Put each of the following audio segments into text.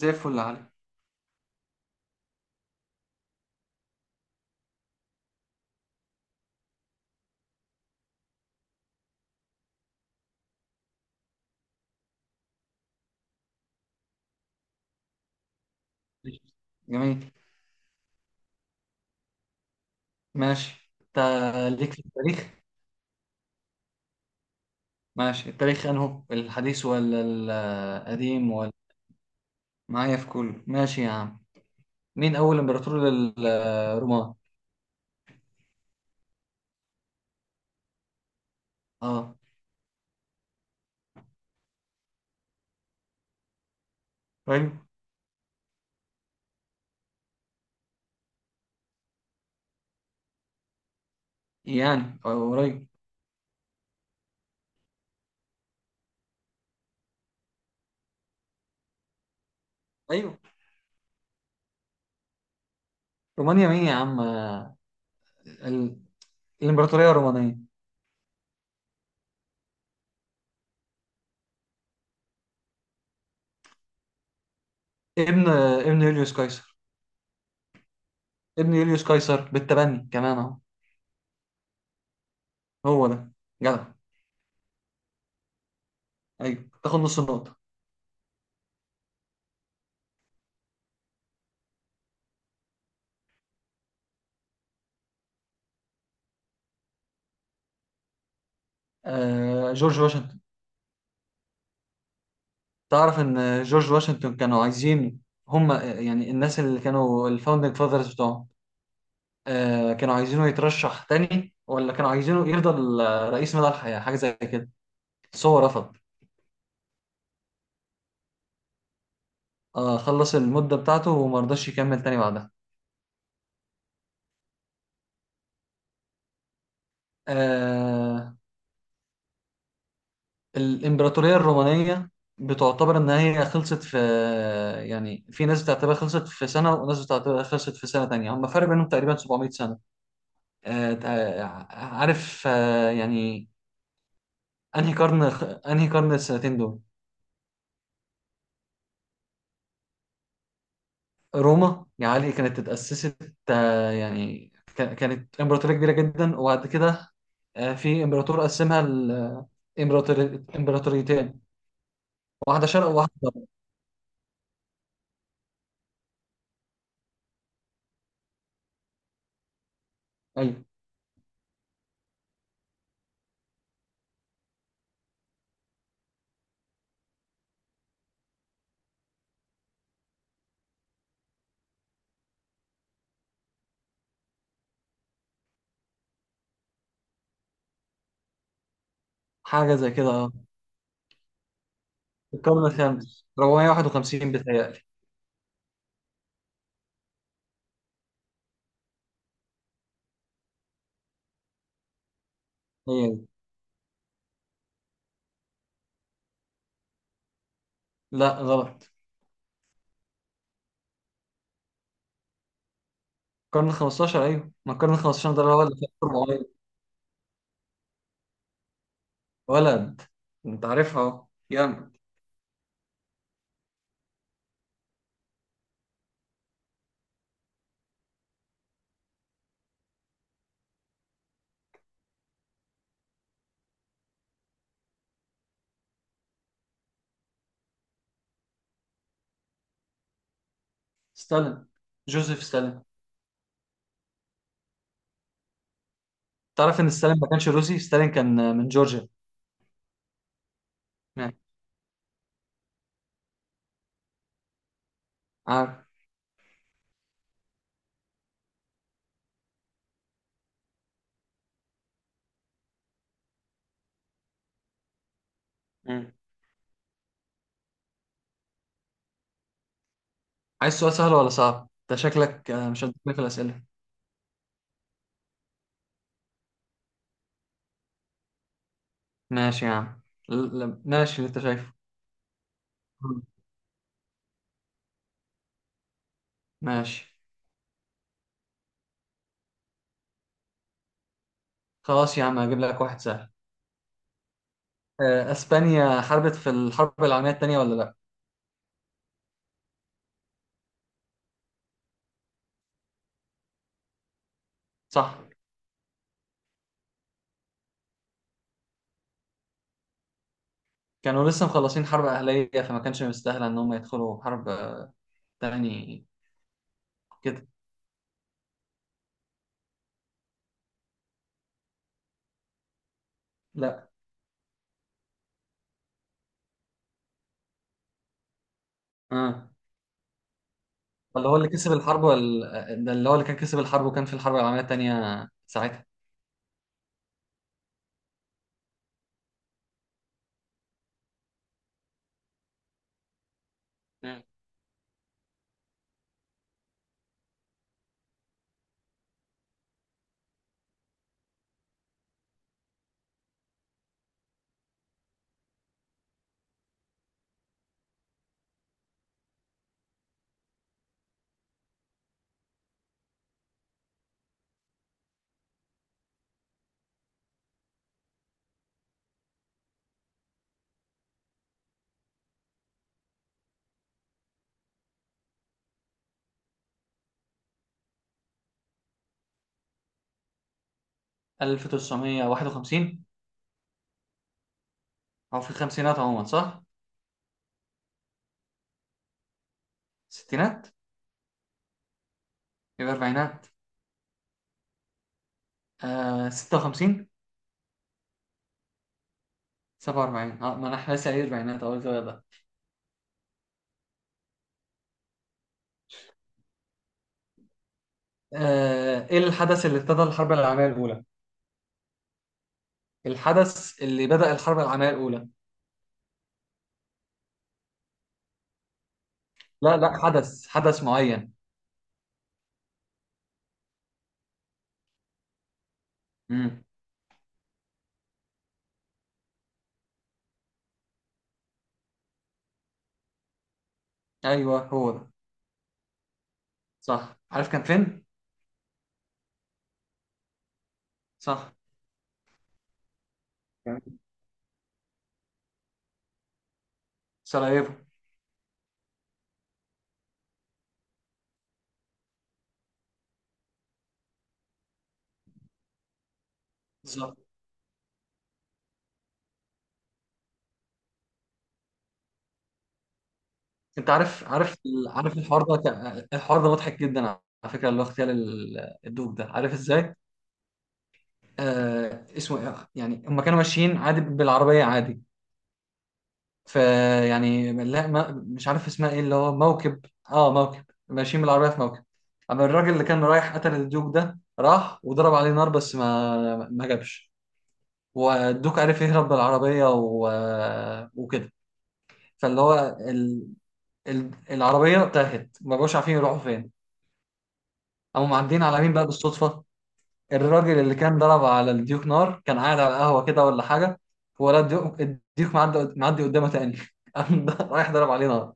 زي الفل يا علي. جميل. ماشي انت. ليك في التاريخ. ماشي، التاريخ انه الحديث ولا القديم ولا معايا في كله؟ ماشي يا عم. مين اول امبراطور للرومان؟ اه. طيب، يعني أو قريب. ايوه رومانيا مين يا عم؟ ال... الامبراطوريه الرومانيه. ابن، ابن يوليوس قيصر. ابن يوليوس قيصر بالتبني كمان اهو. هو ده، جدع. ايوه تاخد نص النقطه. آه جورج واشنطن. تعرف ان جورج واشنطن كانوا عايزين، هم يعني الناس اللي كانوا الفاوندنج فاذرز بتوعهم، كانوا عايزينه يترشح تاني، ولا كانوا عايزينه يفضل رئيس مدى الحياة حاجة زي كده، بس هو رفض. خلص المدة بتاعته وما رضاش يكمل تاني بعدها. آه، الإمبراطورية الرومانية بتعتبر إن هي خلصت في، يعني في ناس بتعتبرها خلصت في سنة وناس بتعتبرها خلصت في سنة تانية، هم فرق بينهم تقريبا 700 سنة. آه، آه، عارف يعني انهي قرن، انهي قرن السنتين دول؟ روما يا علي كانت اتأسست، كانت امبراطورية كبيرة جدا، وبعد كده في امبراطور قسمها الامبراطوريتين، واحدة شرق وواحدة غرب. ايوه حاجة زي كده، اه. القرن الخامس 451 بتهيألي. هي دي. لا غلط. القرن ال 15، ايوه، ما القرن ال 15 ده اللي هو اللي فات 400. ولد، انت عارفها اهو. جامد. ستالين، جوزيف ستالين. تعرف ان ستالين ما كانش روسي، ستالين كان من جورجيا. ماشي. عارف. مم. عايز سؤال سهل ولا صعب؟ انت شكلك مش هتجيب في الأسئلة. ماشي يا عم. ماشي اللي انت شايفه. مم. ماشي. خلاص يا عم هجيب لك واحد سهل. اسبانيا حاربت في الحرب العالمية التانية ولا لا؟ صح. كانوا لسه مخلصين حرب أهلية، فما كانش مستاهلة ان هم يدخلوا حرب تاني، كده. لا اه. ولا هو اللي كسب الحرب، ولا ده اللي هو اللي كان كسب الحرب وكان في الحرب العالمية التانية ساعتها. مم. 1951. او في الخمسينات عموما صح؟ ستينات. يبقى أربعينات. آه ستة وخمسين. سبعة وأربعين، اه، ما أنا إحنا لسه قايل أربعينات أول زاوية ده. آه إيه الحدث اللي ابتدى الحرب العالمية الأولى؟ الحدث اللي بدأ الحرب العالمية الأولى. لا لا، حدث معين. امم. أيوه هو ده. صح، عارف كان فين؟ صح، كان في سراييفو. بالظبط. أنت عارف عارف عارف الحوار ده الحوار ده مضحك جدا على فكرة، اللي هو اغتيال الدوب ده، عارف إزاي؟ آه اسمه إيه؟ يعني هم كانوا ماشيين عادي بالعربية عادي، في، يعني لا ما مش عارف اسمها ايه، اللي هو موكب، اه موكب، ماشيين بالعربيه في موكب. اما الراجل اللي كان رايح قتل الدوك ده، راح وضرب عليه نار، بس ما جابش، والدوك عرف يهرب بالعربيه وكده. فاللي هو ال... ال... العربيه تاهت، ما بقوش عارفين يروحوا فين. قاموا معديين على مين بقى بالصدفه؟ الراجل اللي كان ضرب على الديوك نار كان قاعد على القهوه كده ولا حاجه، ولا الديوك معدي معدي قدامه تاني قام رايح ضرب عليه نار.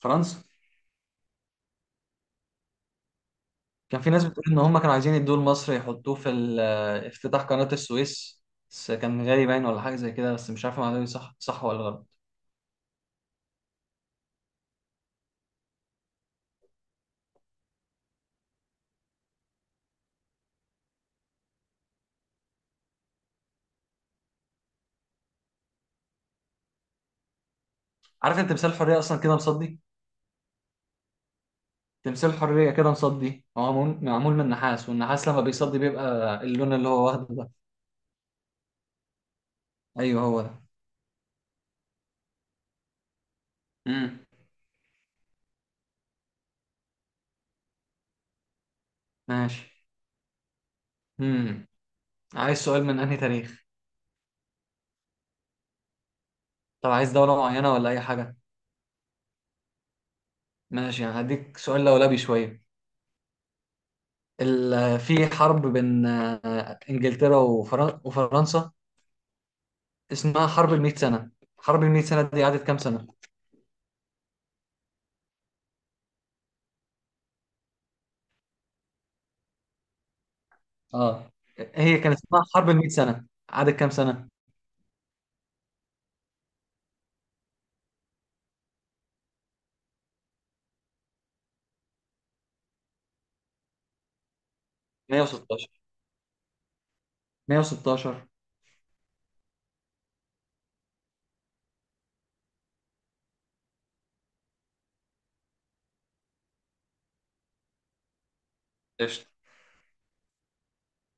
فرنسا. كان في ناس بتقول ان هم كانوا عايزين يدوه لمصر، يحطوه في افتتاح قناة السويس، بس كان غالي باين ولا حاجة زي كده، بس مش عارف المعلومة دي صح ولا غلط. عارف انت تمثال الحرية اصلا كده مصدي؟ تمثال الحرية كده مصدي، هو معمول من نحاس، والنحاس لما بيصدي بيبقى اللون اللي هو واخده ده. ايوه هو ده. امم. ماشي. امم، عايز سؤال من انهي تاريخ؟ طب عايز دولة معينة ولا اي حاجة؟ ماشي، يعني هديك سؤال لولبي شوية. في حرب بين انجلترا وفرنسا اسمها حرب المئة سنة، حرب المئة سنة دي قعدت كام سنة؟ اه هي كان اسمها حرب المئة سنة، قعدت كام سنة؟ 116. 116. قشطة.